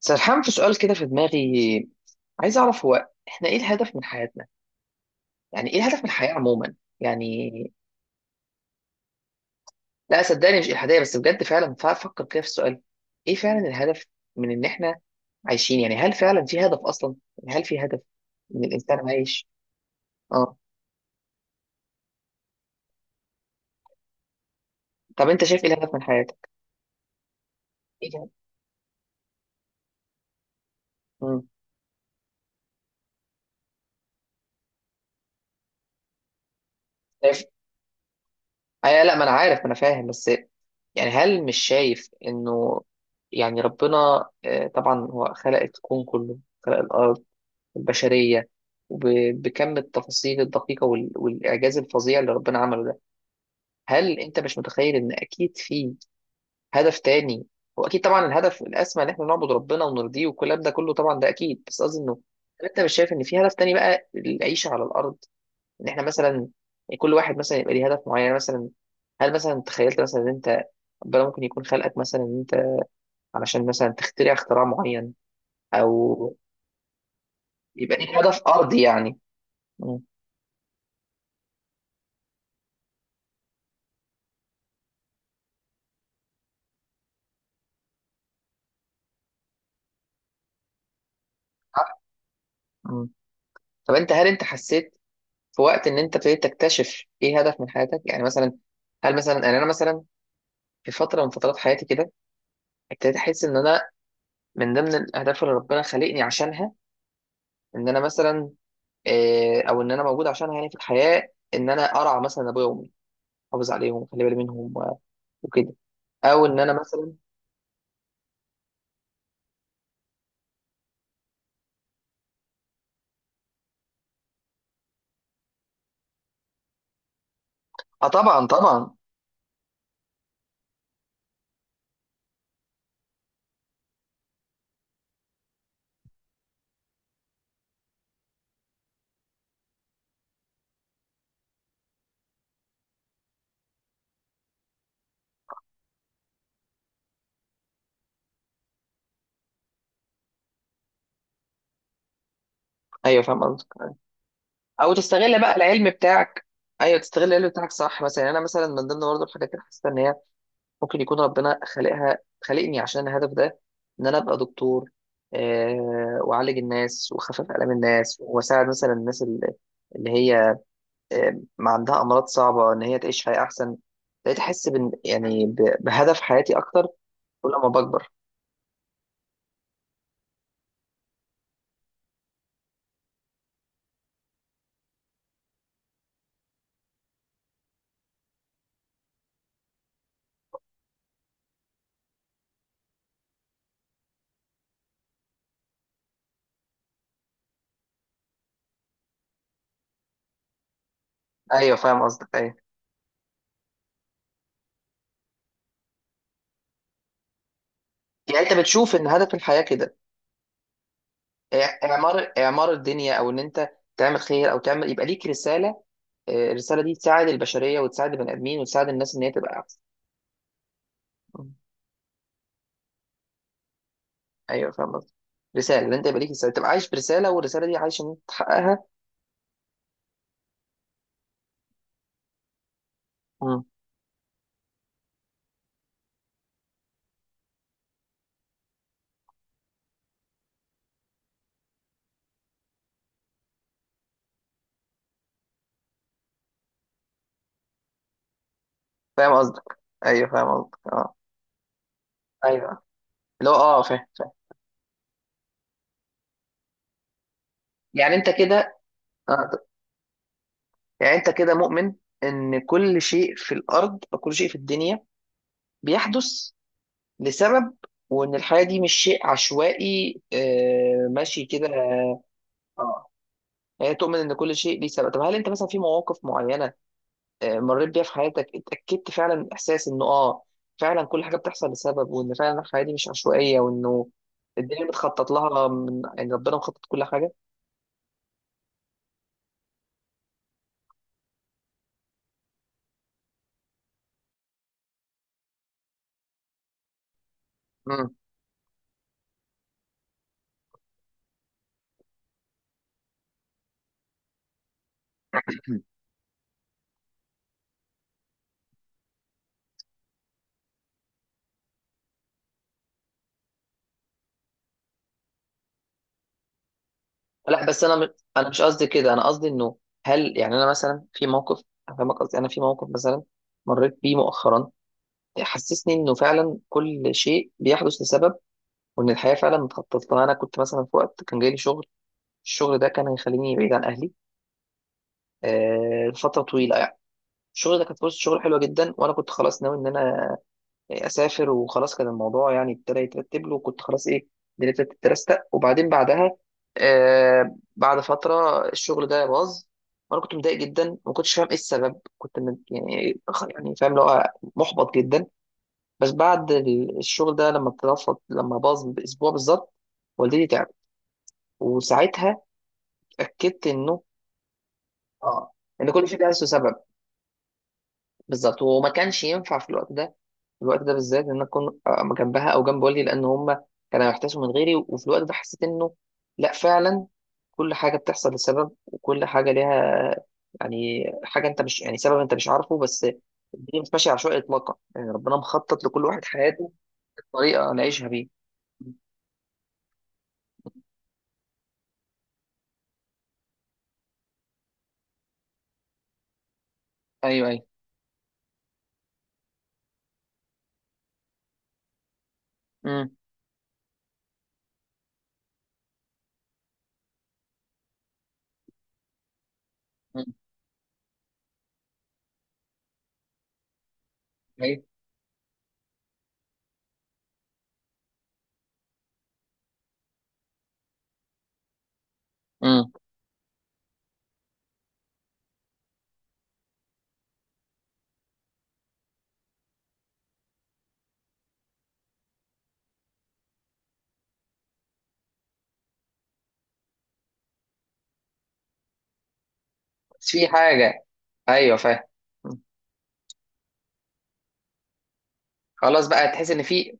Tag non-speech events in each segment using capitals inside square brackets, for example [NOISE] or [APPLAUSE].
سرحان في سؤال كده في دماغي. عايز اعرف هو احنا ايه الهدف من حياتنا. يعني ايه الهدف من الحياة عموما يعني. لا، صدقني مش الحادية بس، بجد فعلا فكر كده في السؤال. ايه فعلا الهدف من ان احنا عايشين؟ يعني هل فعلا في هدف اصلا؟ يعني هل في هدف ان الانسان عايش؟ اه. طب انت شايف ايه الهدف من حياتك؟ ايه ده؟ امم. شايف. آه، لا، ما انا عارف، ما انا فاهم، بس يعني هل مش شايف انه يعني ربنا، طبعا هو خلق الكون كله، خلق الارض البشرية، وبكم التفاصيل الدقيقة والإعجاز الفظيع اللي ربنا عمله ده. هل أنت مش متخيل إن أكيد في هدف تاني؟ وأكيد طبعا الهدف الأسمى إن إحنا نعبد ربنا ونرضيه والكلام ده كله طبعا ده أكيد، بس قصدي إنه هل أنت مش شايف إن في هدف تاني بقى العيشة على الأرض؟ إن إحنا مثلا كل واحد مثلا يبقى ليه هدف معين، يعني مثلا هل مثلا تخيلت مثلا إن أنت ربنا ممكن يكون خلقك مثلا إن أنت علشان مثلا تخترع اختراع معين؟ أو يبقى ليك هدف أرضي يعني. مم. طب انت هل انت حسيت في وقت ان انت ابتديت تكتشف ايه هدف من حياتك؟ يعني مثلا هل مثلا يعني انا مثلا في فتره من فترات حياتي كده ابتديت احس ان انا من ضمن الاهداف اللي ربنا خلقني عشانها ان انا مثلا، او ان انا موجود عشانها يعني في الحياه ان انا ارعى مثلا ابويا وامي، احافظ عليهم واخلي بالي منهم وكده. او ان انا مثلا، اه طبعا، طبعا. ايوه فاهم قصدك. او تستغل بقى العلم بتاعك. ايوه تستغل العلم بتاعك، صح، مثلا يعني انا مثلا من ضمن برضه الحاجات اللي حسيت ان هي ممكن يكون ربنا خلقها، خلقني عشان الهدف ده ان انا ابقى دكتور. واعالج الناس واخفف الام الناس واساعد مثلا الناس اللي هي ما عندها امراض صعبه ان هي تعيش حياه احسن. بقيت احس يعني بهدف حياتي اكتر كل ما بكبر. ايوه فاهم قصدك، ايوه. يعني انت بتشوف ان هدف الحياه كده اعمار اعمار الدنيا، او ان انت تعمل خير، او تعمل يبقى ليك رساله. الرساله دي تساعد البشريه وتساعد البني ادمين وتساعد الناس ان هي تبقى احسن. ايوه فاهم قصدك. رساله، اللي انت يبقى ليك رساله، تبقى عايش برساله، والرساله دي عايش ان انت تحققها. مم. فاهم قصدك، ايوه فاهم قصدك، اه. ايوه، اللي هو اه، فاهم فاهم. يعني انت كده، آه. يعني انت كده مؤمن ان كل شيء في الارض او كل شيء في الدنيا بيحدث لسبب، وان الحياه دي مش شيء عشوائي ماشي كده. اه. يعني تؤمن ان كل شيء ليه سبب. طب هل انت مثلا في مواقف معينه مريت بيها في حياتك، اتأكدت فعلا من إحساس إنه فعلا كل حاجة بتحصل لسبب، وإن فعلا الحياة دي مش عشوائية، وإنه الدنيا متخطط لها من، يعني ربنا مخطط كل حاجة. مم. لا، بس أنا أنا مش قصدي كده، أنا قصدي إنه هل يعني أنا مثلا في موقف، أفهمك قصدي، أنا في موقف مثلا مريت بيه مؤخرا حسسني إنه فعلا كل شيء بيحدث لسبب وإن الحياة فعلا متخطط لها. أنا كنت مثلا في وقت كان جاي لي شغل، الشغل ده كان هيخليني بعيد عن أهلي لفترة طويلة. الشغل ده كانت فرصة شغل حلوة جدا، وأنا كنت خلاص ناوي إن أنا أسافر وخلاص، كان الموضوع يعني ابتدى يترتب له، وكنت خلاص إيه دنيتي تترستق، وبعدين بعدها بعد فترة الشغل ده باظ، وأنا كنت متضايق جدا وما كنتش فاهم إيه السبب، كنت من يعني يعني فاهم اللي هو محبط جدا. بس بعد الشغل ده لما اترفض، لما باظ بأسبوع بالظبط، والدتي تعبت، وساعتها اتأكدت إنه آه إن كل شيء ده له سبب. بالظبط، وما كانش ينفع في الوقت ده، في الوقت ده بالذات ان انا اكون جنبها او جنب والدي، لان هم كانوا يحتاسوا من غيري، وفي الوقت ده حسيت انه لا فعلا كل حاجه بتحصل لسبب، وكل حاجه ليها يعني حاجه انت مش، يعني سبب انت مش عارفه، بس الدنيا مش ماشيه عشوائي اطلاقا، يعني ربنا مخطط لكل واحد حياته بطريقه نعيشها بيه. ايوه، ايوه. امم، ايوه، امم. بس في حاجه. ايوه فاهم. مم. خلاص بقى تحس ان في.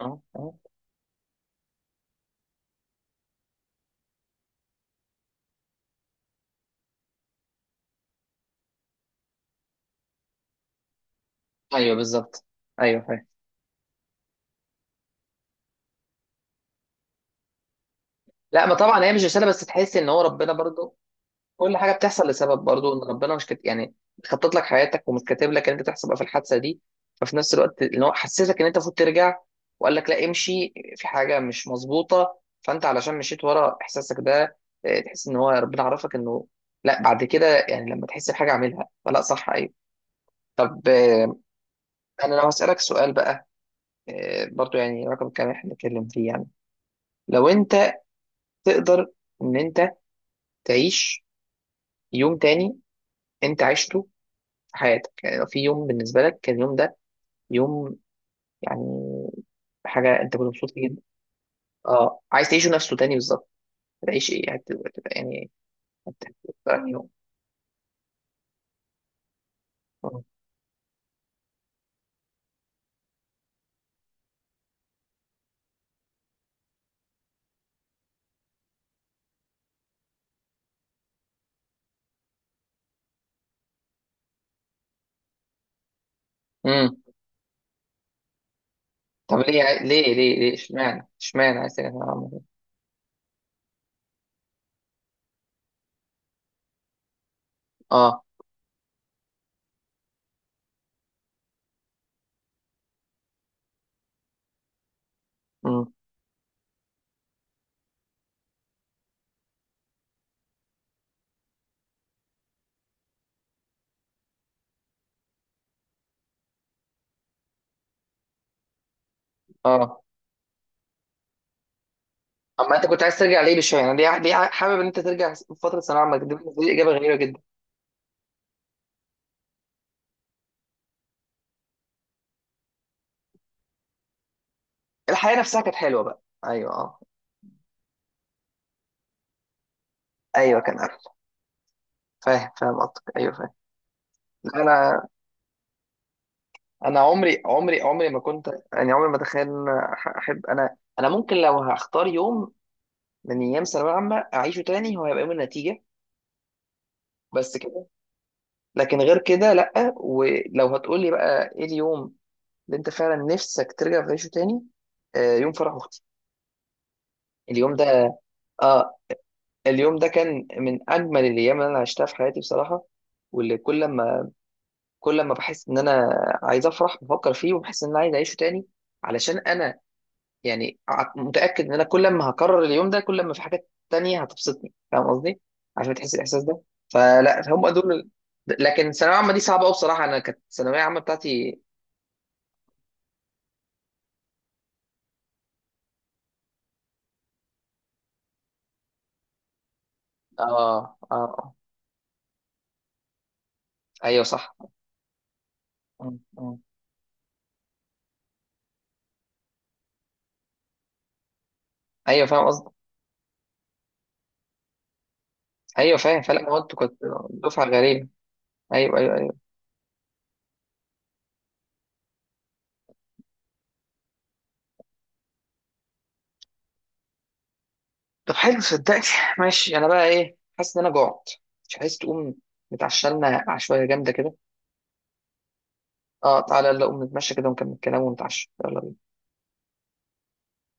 اه، اه، ايوه بالظبط. ايوه فاهم. لا، ما طبعا هي مش رساله، بس تحس ان هو ربنا برضو كل حاجه بتحصل لسبب. برضو ان ربنا مش يعني مخطط لك حياتك، ومش كاتب لك ان انت تحصل بقى في الحادثه دي. ففي نفس الوقت ان هو حسسك ان انت المفروض ترجع، وقال لك لا، امشي في حاجه مش مظبوطه، فانت علشان مشيت ورا احساسك ده تحس ان هو ربنا عرفك انه لا، بعد كده يعني لما تحس بحاجه اعملها فلا، صح. ايوه. طب انا لو هسالك سؤال بقى، برضو يعني رقم كام احنا بنتكلم فيه، يعني لو انت تقدر ان انت تعيش يوم تاني انت عشته في حياتك، يعني لو في يوم بالنسبه لك كان اليوم ده يوم، يعني حاجه انت كنت مبسوط فيه جدا. اه عايز تعيشه نفسه تاني بالظبط. هتعيش ايه، هتبقى يعني هتبقى أنهي يوم؟ امم. طب ليه اشمعنى عايز ترجع للعمر ده؟ اه، امم، اه. اما انت كنت عايز ترجع ليه بشويه، يعني ليه حابب ان انت ترجع لفتره ثانويه عامه دي؟ بالنسبه لي اجابه غريبه جدا. الحياه نفسها كانت حلوه بقى؟ ايوه، اه. ايوه كان أحلى. فاهم فاهم قصدك، ايوه فاهم. لا، انا عمري ما كنت، يعني عمري ما اتخيل ان أنا احب، انا ممكن لو هختار يوم من ايام ثانويه عامه اعيشه تاني هو هيبقى يوم النتيجه. بس كده. لكن غير كده لا، ولو هتقولي بقى ايه اليوم اللي انت فعلا نفسك ترجع تعيشه تاني، يوم فرح اختي. اليوم ده، اه، اليوم ده كان من اجمل الايام اللي انا عشتها في حياتي بصراحه، واللي كل ما بحس ان انا عايز افرح بفكر فيه وبحس ان انا عايز اعيشه تاني علشان انا يعني متأكد ان انا كل ما هكرر اليوم ده كل ما في حاجات تانية هتبسطني، فاهم قصدي؟ عشان تحس الاحساس ده. فلا هم دول لكن ثانوية عامة دي صعبة قوي بصراحة، انا كانت الثانوية عامة بتاعتي. اه، اه، آه. ايوه صح. م. ايوه فاهم قصدي، ايوه فاهم. فلا هو انتوا كنت دفعة غريبة. ايوه، ايوه، ايوه. طب حلو، صدقني. [LAUGHS] ماشي، انا بقى ايه، حاسس ان انا جوعت، مش عايز تقوم نتعشى لنا عشوائية جامدة كده؟ اه تعالى، يلا قوم نتمشى كده ونكمل كلام ونتعشى، يلا بينا.